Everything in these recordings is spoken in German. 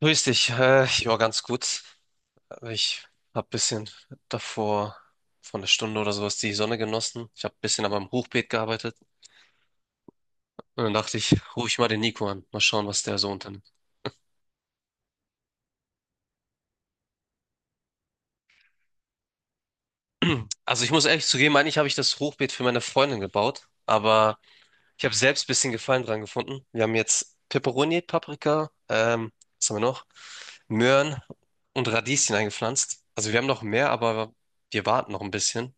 Grüß dich. Ja, ganz gut. Ich habe ein bisschen davor, vor einer Stunde oder sowas, die Sonne genossen. Ich habe ein bisschen an meinem Hochbeet gearbeitet. Und dann dachte ich, rufe ich mal den Nico an. Mal schauen, was der so unternimmt. Also ich muss ehrlich zugeben, eigentlich habe ich das Hochbeet für meine Freundin gebaut. Aber ich habe selbst ein bisschen Gefallen dran gefunden. Wir haben jetzt Peperoni, Paprika, was haben wir noch? Möhren und Radieschen eingepflanzt. Also wir haben noch mehr, aber wir warten noch ein bisschen.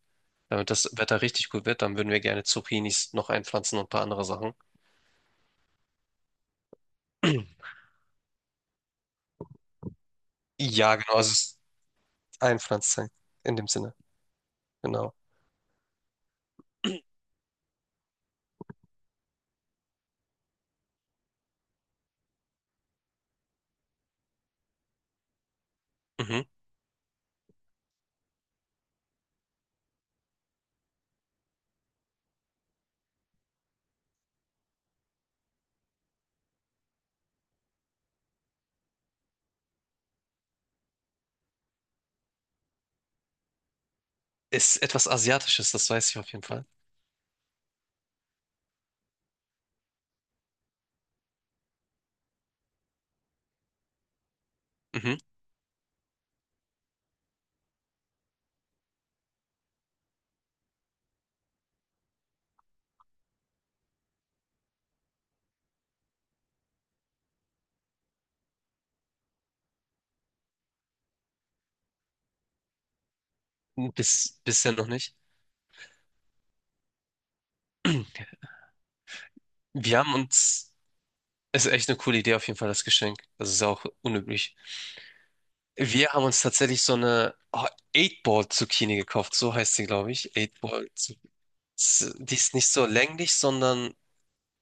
Damit das Wetter richtig gut wird, dann würden wir gerne Zucchinis noch einpflanzen und ein paar andere Sachen. Ja, genau, also es ist Einpflanzzeit in dem Sinne. Genau. Mhm. Ist etwas Asiatisches, das weiß ich auf jeden Fall. Mhm. Bisher noch nicht. Wir haben uns, Es ist echt eine coole Idee auf jeden Fall, das Geschenk. Das ist auch unüblich. Wir haben uns tatsächlich so eine 8-Ball-Zucchini gekauft, so heißt sie, glaube ich. 8-Ball-Zucchini. Die ist nicht so länglich, sondern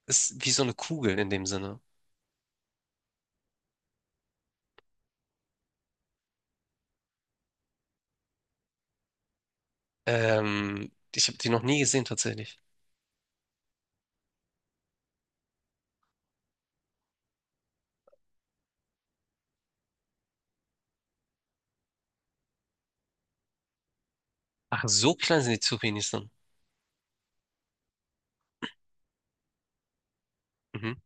ist wie so eine Kugel in dem Sinne. Ich habe die noch nie gesehen tatsächlich. Ach, so klein sind die Zucchinis dann. Mhm.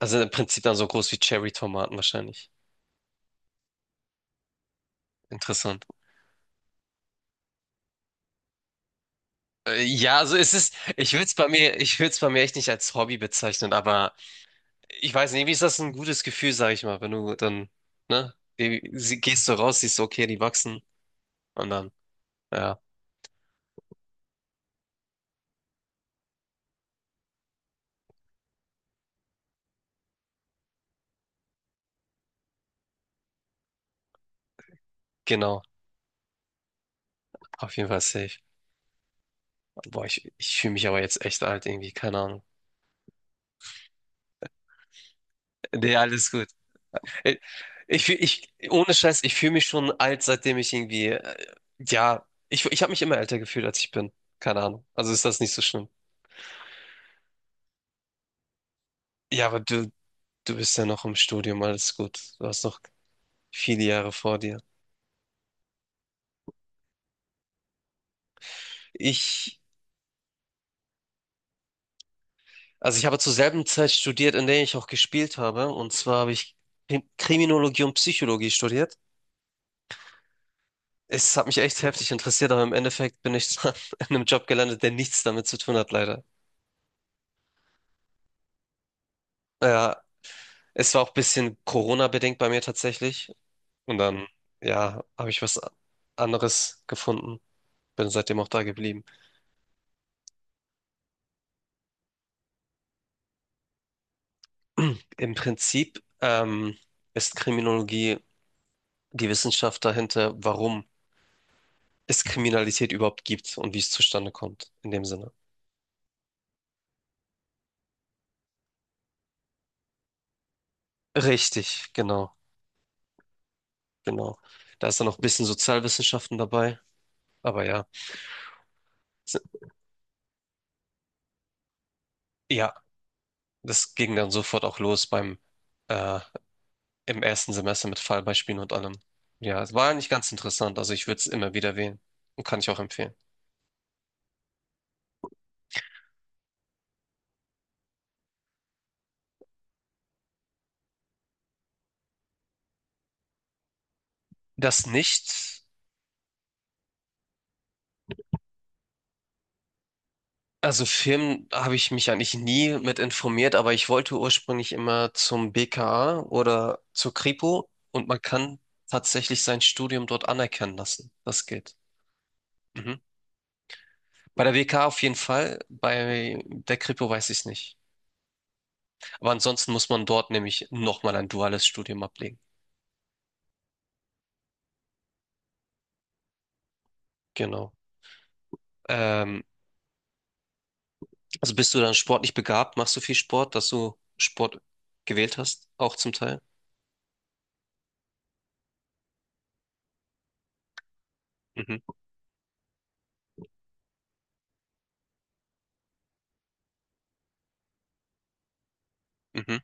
Also im Prinzip dann so groß wie Cherry-Tomaten wahrscheinlich. Interessant. Ja, also es ist, ich würde es bei mir echt nicht als Hobby bezeichnen, aber ich weiß nicht, wie ist das ein gutes Gefühl, sag ich mal, wenn du dann, ne, gehst du raus, siehst, okay, die wachsen. Und dann, ja, genau. Auf jeden Fall safe. Boah, ich fühle mich aber jetzt echt alt irgendwie, keine Ahnung. Nee, alles gut. Äh, ich, ohne Scheiß, ich fühle mich schon alt, seitdem ich irgendwie, ja, ich habe mich immer älter gefühlt, als ich bin. Keine Ahnung. Also ist das nicht so schlimm. Ja, aber du bist ja noch im Studium, alles gut. Du hast noch viele Jahre vor dir. Ich, also ich habe zur selben Zeit studiert, in der ich auch gespielt habe. Und zwar habe ich Kriminologie und Psychologie studiert. Es hat mich echt heftig interessiert, aber im Endeffekt bin ich dann in einem Job gelandet, der nichts damit zu tun hat, leider. Ja, es war auch ein bisschen Corona-bedingt bei mir tatsächlich. Und dann, ja, habe ich was anderes gefunden. Bin seitdem auch da geblieben. Im Prinzip ist Kriminologie die Wissenschaft dahinter, warum es Kriminalität überhaupt gibt und wie es zustande kommt, in dem Sinne. Richtig, genau, genau. Da ist dann noch ein bisschen Sozialwissenschaften dabei. Aber ja, s- ja, das ging dann sofort auch los beim äh, im ersten Semester mit Fallbeispielen und allem. Ja, es war eigentlich ganz interessant. Also ich würde es immer wieder wählen und kann ich auch empfehlen. Das nicht, also Film habe ich mich eigentlich nie mit informiert, aber ich wollte ursprünglich immer zum BKA oder zur Kripo und man kann tatsächlich sein Studium dort anerkennen lassen. Das geht. Mhm. Bei der BKA auf jeden Fall, bei der Kripo weiß ich es nicht. Aber ansonsten muss man dort nämlich nochmal ein duales Studium ablegen. Genau. Ähm, also bist du dann sportlich begabt? Machst du viel Sport, dass du Sport gewählt hast, auch zum Teil? Mhm, mhm.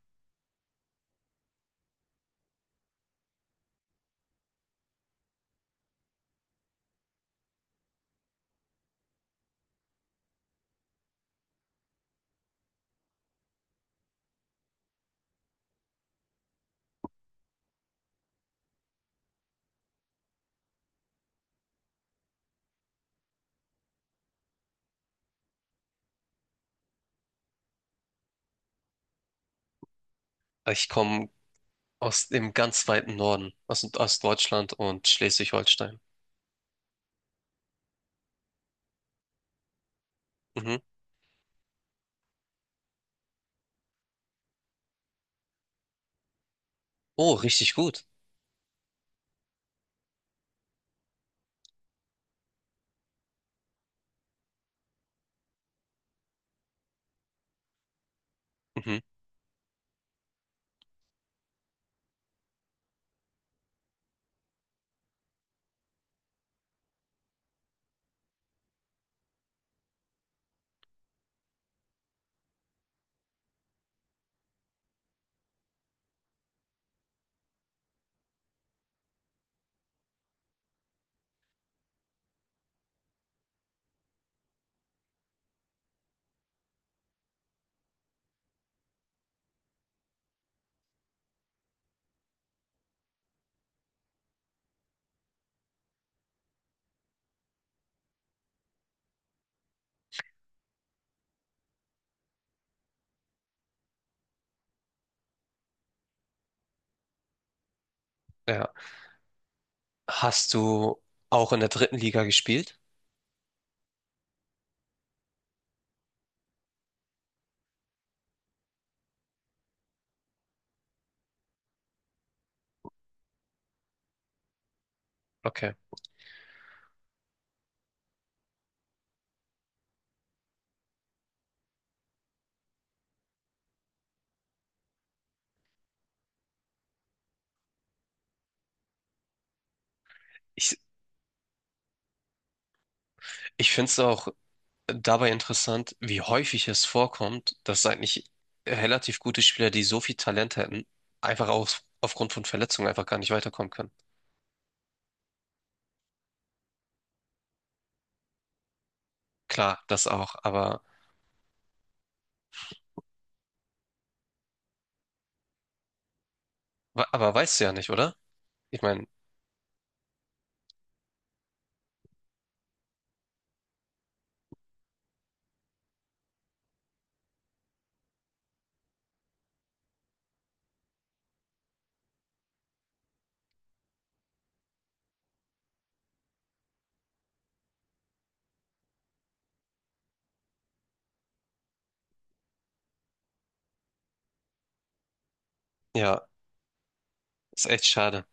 Ich komme aus dem ganz weiten Norden, aus, aus Deutschland und Schleswig-Holstein. Mhm. Oh, richtig gut. Mhm. Ja. Hast du auch in der dritten Liga gespielt? Okay. Ich, ich finde es auch dabei interessant, wie häufig es vorkommt, dass eigentlich relativ gute Spieler, die so viel Talent hätten, einfach auf, aufgrund von Verletzungen einfach gar nicht weiterkommen können. Klar, das auch, aber weißt du ja nicht, oder? Ich meine, ja, ist echt schade.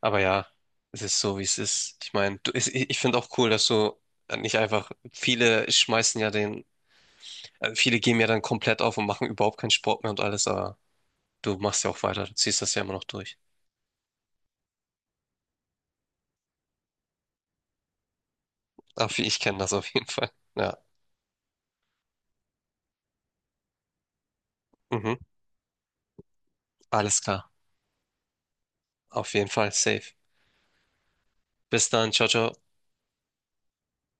Aber ja, es ist so, wie es ist. Ich meine, ich finde auch cool, dass du nicht einfach, viele schmeißen ja den, viele geben ja dann komplett auf und machen überhaupt keinen Sport mehr und alles, aber du machst ja auch weiter, du ziehst das ja immer noch durch. Aber ich kenne das auf jeden Fall. Ja, mhm, alles klar. Auf jeden Fall, safe. Bis dann, ciao, ciao.